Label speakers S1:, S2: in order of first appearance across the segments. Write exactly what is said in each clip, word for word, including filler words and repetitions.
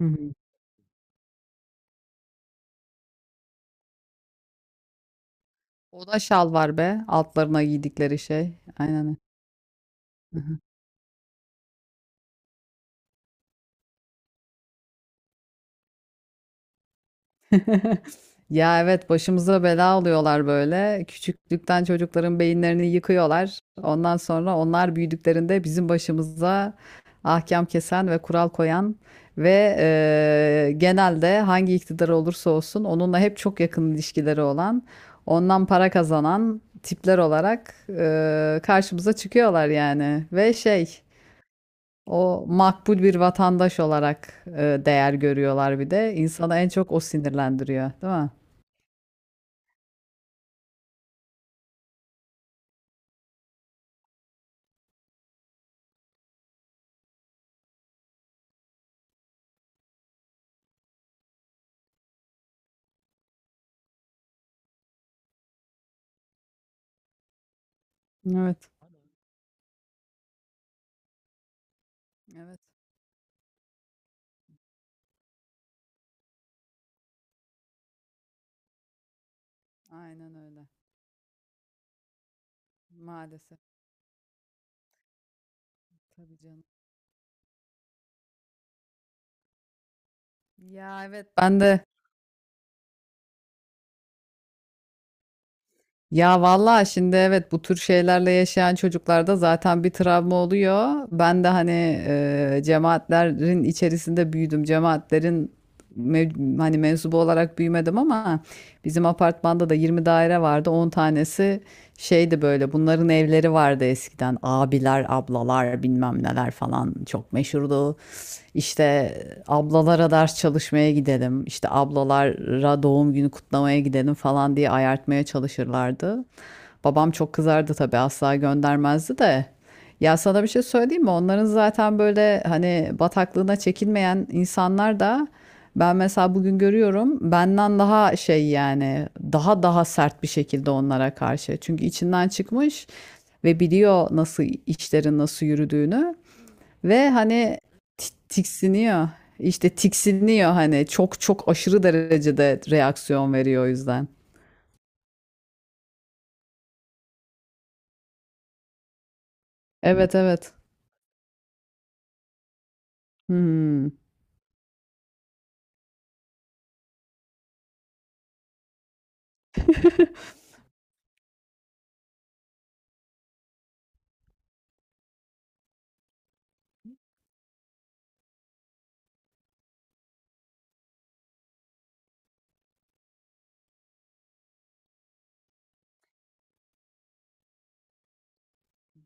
S1: Hı hı. O da şal var be. Altlarına giydikleri şey. Aynen. Hı hı. Ya evet başımıza bela oluyorlar böyle. Küçüklükten çocukların beyinlerini yıkıyorlar. Ondan sonra onlar büyüdüklerinde bizim başımıza ahkam kesen ve kural koyan ve eee, genelde hangi iktidar olursa olsun onunla hep çok yakın ilişkileri olan, ondan para kazanan tipler olarak eee, karşımıza çıkıyorlar yani. Ve şey... O makbul bir vatandaş olarak e, değer görüyorlar bir de. İnsanı en çok o sinirlendiriyor, değil mi? Evet. Evet, aynen öyle. Maalesef. Tabii canım. Ya evet ben de. Ya vallahi şimdi evet bu tür şeylerle yaşayan çocuklarda zaten bir travma oluyor. Ben de hani e, cemaatlerin içerisinde büyüdüm. Cemaatlerin mev- hani mensubu olarak büyümedim ama bizim apartmanda da yirmi daire vardı. On tanesi şeydi, böyle bunların evleri vardı eskiden. Abiler, ablalar bilmem neler falan çok meşhurdu. İşte ablalara ders çalışmaya gidelim, işte ablalara doğum günü kutlamaya gidelim falan diye ayartmaya çalışırlardı. Babam çok kızardı tabii, asla göndermezdi de. Ya sana bir şey söyleyeyim mi? Onların zaten böyle hani bataklığına çekilmeyen insanlar da, ben mesela bugün görüyorum, benden daha şey yani daha daha sert bir şekilde onlara karşı. Çünkü içinden çıkmış ve biliyor nasıl işlerin nasıl yürüdüğünü ve hani ti- tiksiniyor. İşte tiksiniyor hani çok çok aşırı derecede reaksiyon veriyor o yüzden. Evet evet. Hmm.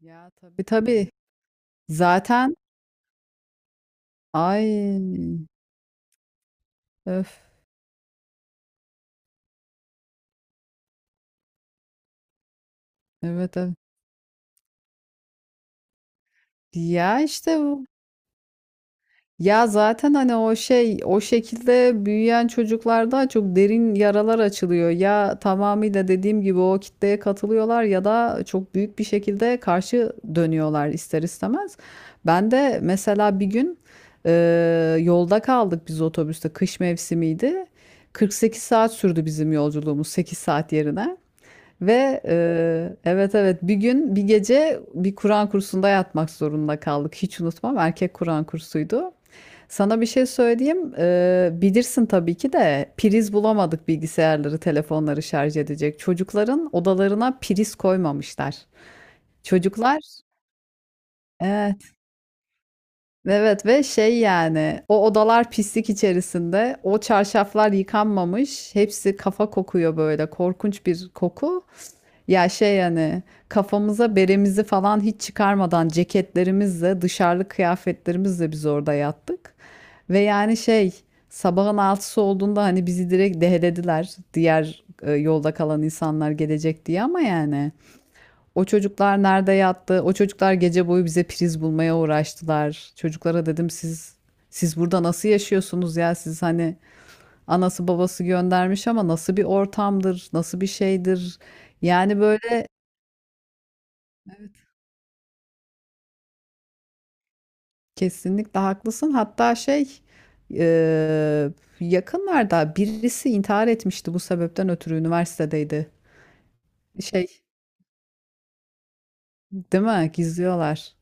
S1: Ya tabii tabii. Zaten ay öf evet evet. Ya işte bu. Ya zaten hani o şey o şekilde büyüyen çocuklarda çok derin yaralar açılıyor. Ya tamamıyla dediğim gibi o kitleye katılıyorlar ya da çok büyük bir şekilde karşı dönüyorlar ister istemez. Ben de mesela bir gün e, yolda kaldık biz otobüste, kış mevsimiydi. kırk sekiz saat sürdü bizim yolculuğumuz sekiz saat yerine. Ve e, evet evet bir gün bir gece bir Kur'an kursunda yatmak zorunda kaldık. Hiç unutmam, erkek Kur'an kursuydu. Sana bir şey söyleyeyim. Ee, bilirsin tabii ki de priz bulamadık bilgisayarları, telefonları şarj edecek. Çocukların odalarına priz koymamışlar. Çocuklar, evet, ve şey yani o odalar pislik içerisinde, o çarşaflar yıkanmamış, hepsi kafa kokuyor, böyle korkunç bir koku. Ya şey yani kafamıza beremizi falan hiç çıkarmadan, ceketlerimizle, dışarılık kıyafetlerimizle biz orada yattık. Ve yani şey, sabahın altısı olduğunda hani bizi direkt dehlediler, diğer e, yolda kalan insanlar gelecek diye ama yani. O çocuklar nerede yattı? O çocuklar gece boyu bize priz bulmaya uğraştılar. Çocuklara dedim, siz siz burada nasıl yaşıyorsunuz ya? Siz hani, anası babası göndermiş ama nasıl bir ortamdır? Nasıl bir şeydir? Yani böyle evet, kesinlikle haklısın. Hatta şey eee, yakınlarda birisi intihar etmişti bu sebepten ötürü, üniversitedeydi. Şey, değil mi? Gizliyorlar.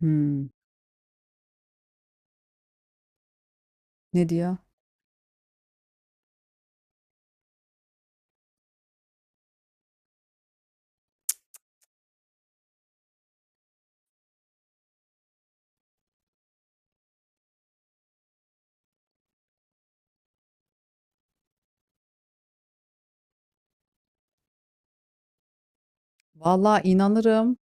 S1: Hmm, ne diyor? Vallahi inanırım.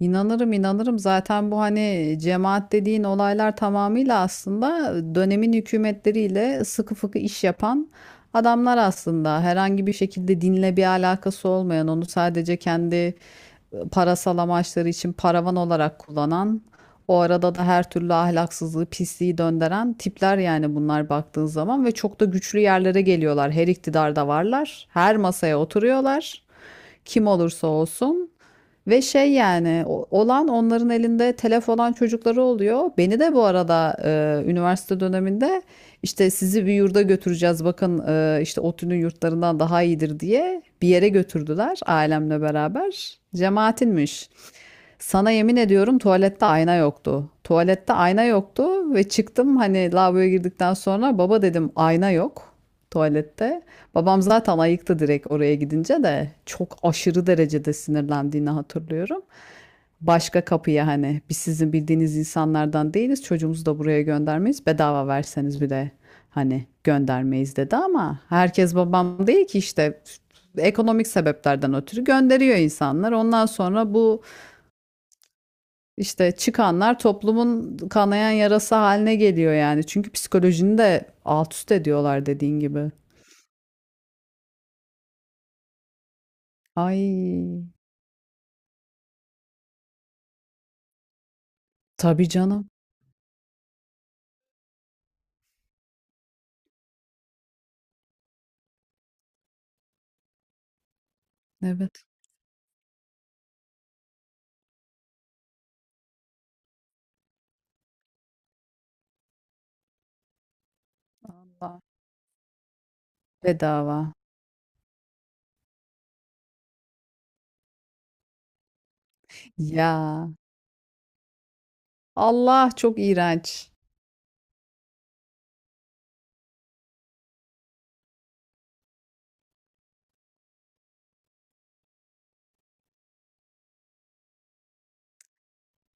S1: İnanırım inanırım, zaten bu hani cemaat dediğin olaylar tamamıyla aslında dönemin hükümetleriyle sıkı fıkı iş yapan adamlar, aslında herhangi bir şekilde dinle bir alakası olmayan, onu sadece kendi parasal amaçları için paravan olarak kullanan, o arada da her türlü ahlaksızlığı pisliği döndüren tipler yani bunlar baktığın zaman. Ve çok da güçlü yerlere geliyorlar, her iktidarda varlar, her masaya oturuyorlar kim olursa olsun. Ve şey yani o- olan, onların elinde telef olan çocukları oluyor. Beni de bu arada e, üniversite döneminde işte sizi bir yurda götüreceğiz bakın, e, işte ODTÜ'nün yurtlarından daha iyidir diye bir yere götürdüler ailemle beraber. Cemaatinmiş. Sana yemin ediyorum tuvalette ayna yoktu. Tuvalette ayna yoktu ve çıktım hani lavaboya girdikten sonra baba dedim ayna yok tuvalette. Babam zaten ayıktı, direkt oraya gidince de çok aşırı derecede sinirlendiğini hatırlıyorum. Başka kapıya, hani biz sizin bildiğiniz insanlardan değiliz, çocuğumuzu da buraya göndermeyiz, bedava verseniz bile hani göndermeyiz dedi ama herkes babam değil ki işte, ekonomik sebeplerden ötürü gönderiyor insanlar. Ondan sonra bu işte çıkanlar toplumun kanayan yarası haline geliyor yani. Çünkü psikolojini de alt üst ediyorlar dediğin gibi. Ay, tabii canım. Evet. Allah. Bedava. Ya. Allah çok iğrenç.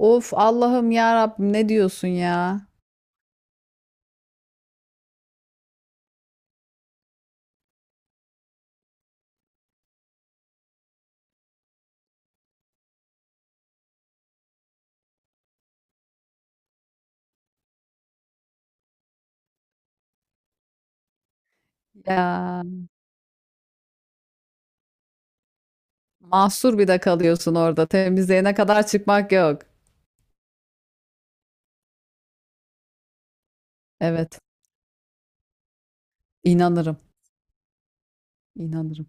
S1: Of Allah'ım ya Rabbim ne diyorsun ya? Ya. Mahsur bir de kalıyorsun orada. Temizliğine kadar çıkmak yok. Evet. inanırım İnanırım.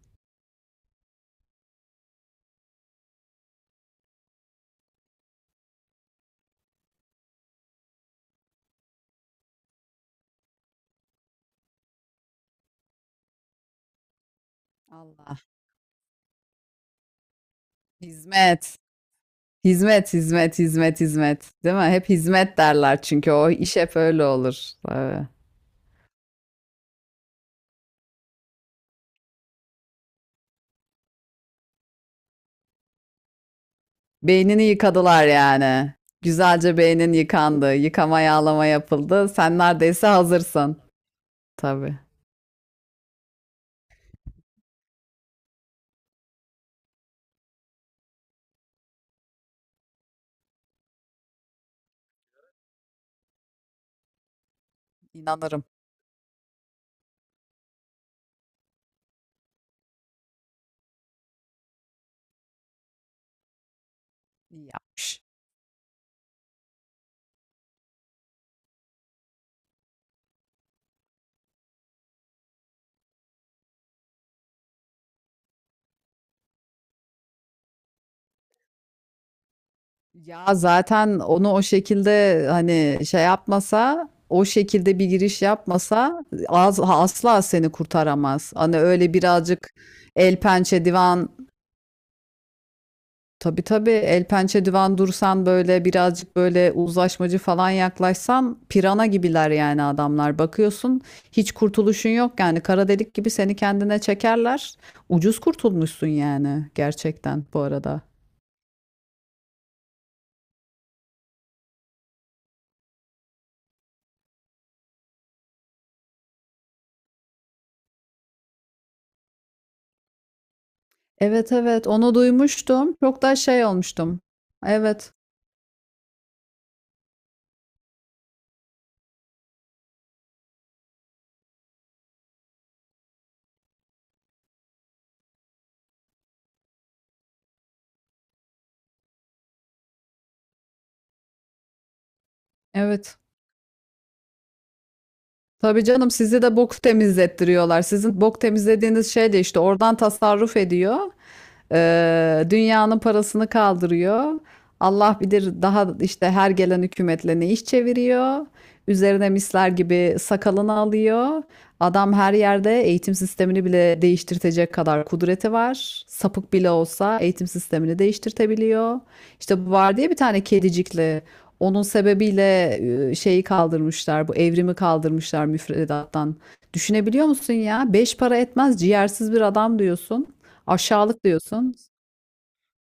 S1: Allah. Hizmet. Hizmet, hizmet, hizmet, hizmet. Değil mi? Hep hizmet derler çünkü o iş hep öyle olur. Tabii. Beynini yıkadılar yani. Güzelce beynin yıkandı. Yıkama yağlama yapıldı. Sen neredeyse hazırsın. Tabii. İnanırım. İyi yapmış. Ya zaten onu o şekilde hani şey yapmasa, o şekilde bir giriş yapmasa az, asla seni kurtaramaz. Hani öyle birazcık el pençe divan. Tabii tabii, el pençe divan dursan, böyle birazcık böyle uzlaşmacı falan yaklaşsan pirana gibiler yani adamlar. Bakıyorsun hiç kurtuluşun yok yani, kara delik gibi seni kendine çekerler. Ucuz kurtulmuşsun yani gerçekten bu arada. Evet evet onu duymuştum. Çok da şey olmuştum. Evet evet. Tabii canım, sizi de bok temizlettiriyorlar. Sizin bok temizlediğiniz şey de işte oradan tasarruf ediyor. Ee, dünyanın parasını kaldırıyor. Allah bilir daha işte her gelen hükümetle ne iş çeviriyor. Üzerine misler gibi sakalını alıyor. Adam her yerde eğitim sistemini bile değiştirtecek kadar kudreti var. Sapık bile olsa eğitim sistemini değiştirtebiliyor. İşte bu var diye bir tane kedicikli. Onun sebebiyle e, şeyi kaldırmışlar, bu evrimi kaldırmışlar müfredattan. Düşünebiliyor musun ya? Beş para etmez ciğersiz bir adam diyorsun. Aşağılık diyorsun.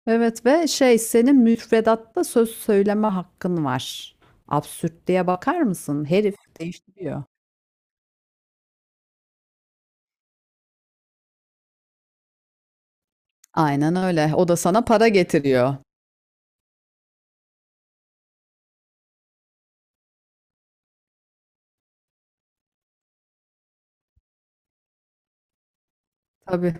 S1: Evet ve şey, senin müfredatta söz söyleme hakkın var. Absürtlüğe bakar mısın? Herif değiştiriyor. Aynen öyle. O da sana para getiriyor. Tabii.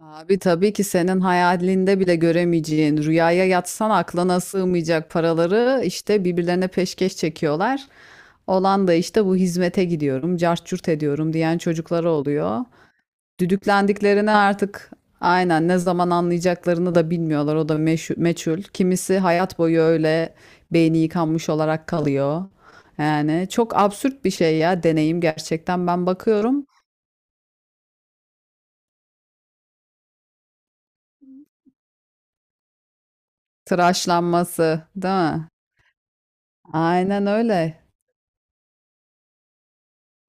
S1: Abi tabii ki senin hayalinde bile göremeyeceğin, rüyaya yatsan aklına sığmayacak paraları işte birbirlerine peşkeş çekiyorlar. Olan da işte bu hizmete gidiyorum, cart curt ediyorum diyen çocukları oluyor. Düdüklendiklerini artık aynen ne zaman anlayacaklarını da bilmiyorlar. O da meşhu- meçhul. Kimisi hayat boyu öyle beyni yıkanmış olarak kalıyor. Yani çok absürt bir şey ya, deneyim gerçekten. Ben bakıyorum tıraşlanması, değil mi? Aynen öyle.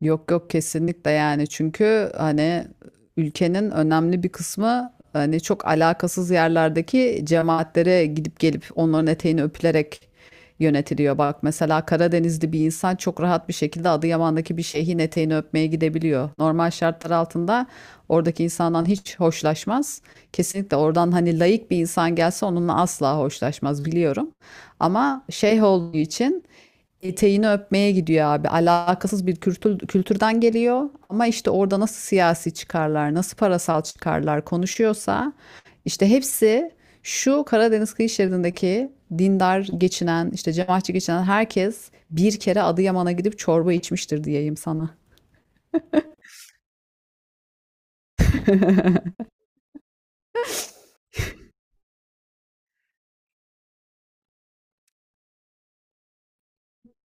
S1: Yok yok kesinlikle, yani çünkü hani ülkenin önemli bir kısmı hani çok alakasız yerlerdeki cemaatlere gidip gelip onların eteğini öpülerek yönetiliyor. Bak mesela Karadenizli bir insan çok rahat bir şekilde Adıyaman'daki bir şeyhin eteğini öpmeye gidebiliyor. Normal şartlar altında oradaki insandan hiç hoşlaşmaz. Kesinlikle oradan hani laik bir insan gelse onunla asla hoşlaşmaz biliyorum. Ama şeyh olduğu için eteğini öpmeye gidiyor abi. Alakasız bir kültür, kültürden geliyor ama işte orada nasıl siyasi çıkarlar, nasıl parasal çıkarlar konuşuyorsa işte hepsi şu Karadeniz kıyı şeridindeki dindar geçinen, işte cemaatçi geçinen herkes bir kere Adıyaman'a gidip çorba içmiştir diyeyim sana.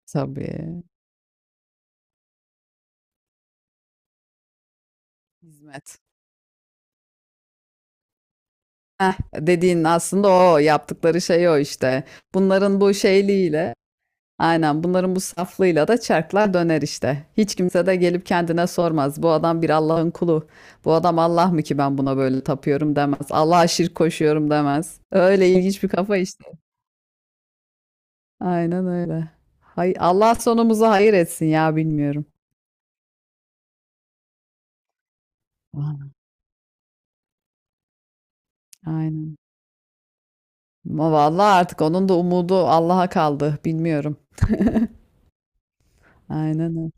S1: Tabii. Hizmet. Heh, dediğin aslında o yaptıkları şey o işte. Bunların bu şeyliğiyle, aynen bunların bu saflığıyla da çarklar döner işte. Hiç kimse de gelip kendine sormaz. Bu adam bir Allah'ın kulu. Bu adam Allah mı ki ben buna böyle tapıyorum demez. Allah'a şirk koşuyorum demez. Öyle ilginç bir kafa işte. Aynen öyle. Hay Allah sonumuzu hayır etsin ya bilmiyorum. Aynen. Ama vallahi artık onun da umudu Allah'a kaldı. Bilmiyorum. Aynen öyle.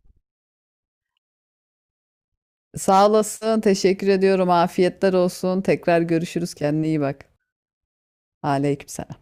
S1: Sağ olasın. Teşekkür ediyorum. Afiyetler olsun. Tekrar görüşürüz. Kendine iyi bak. Aleykümselam.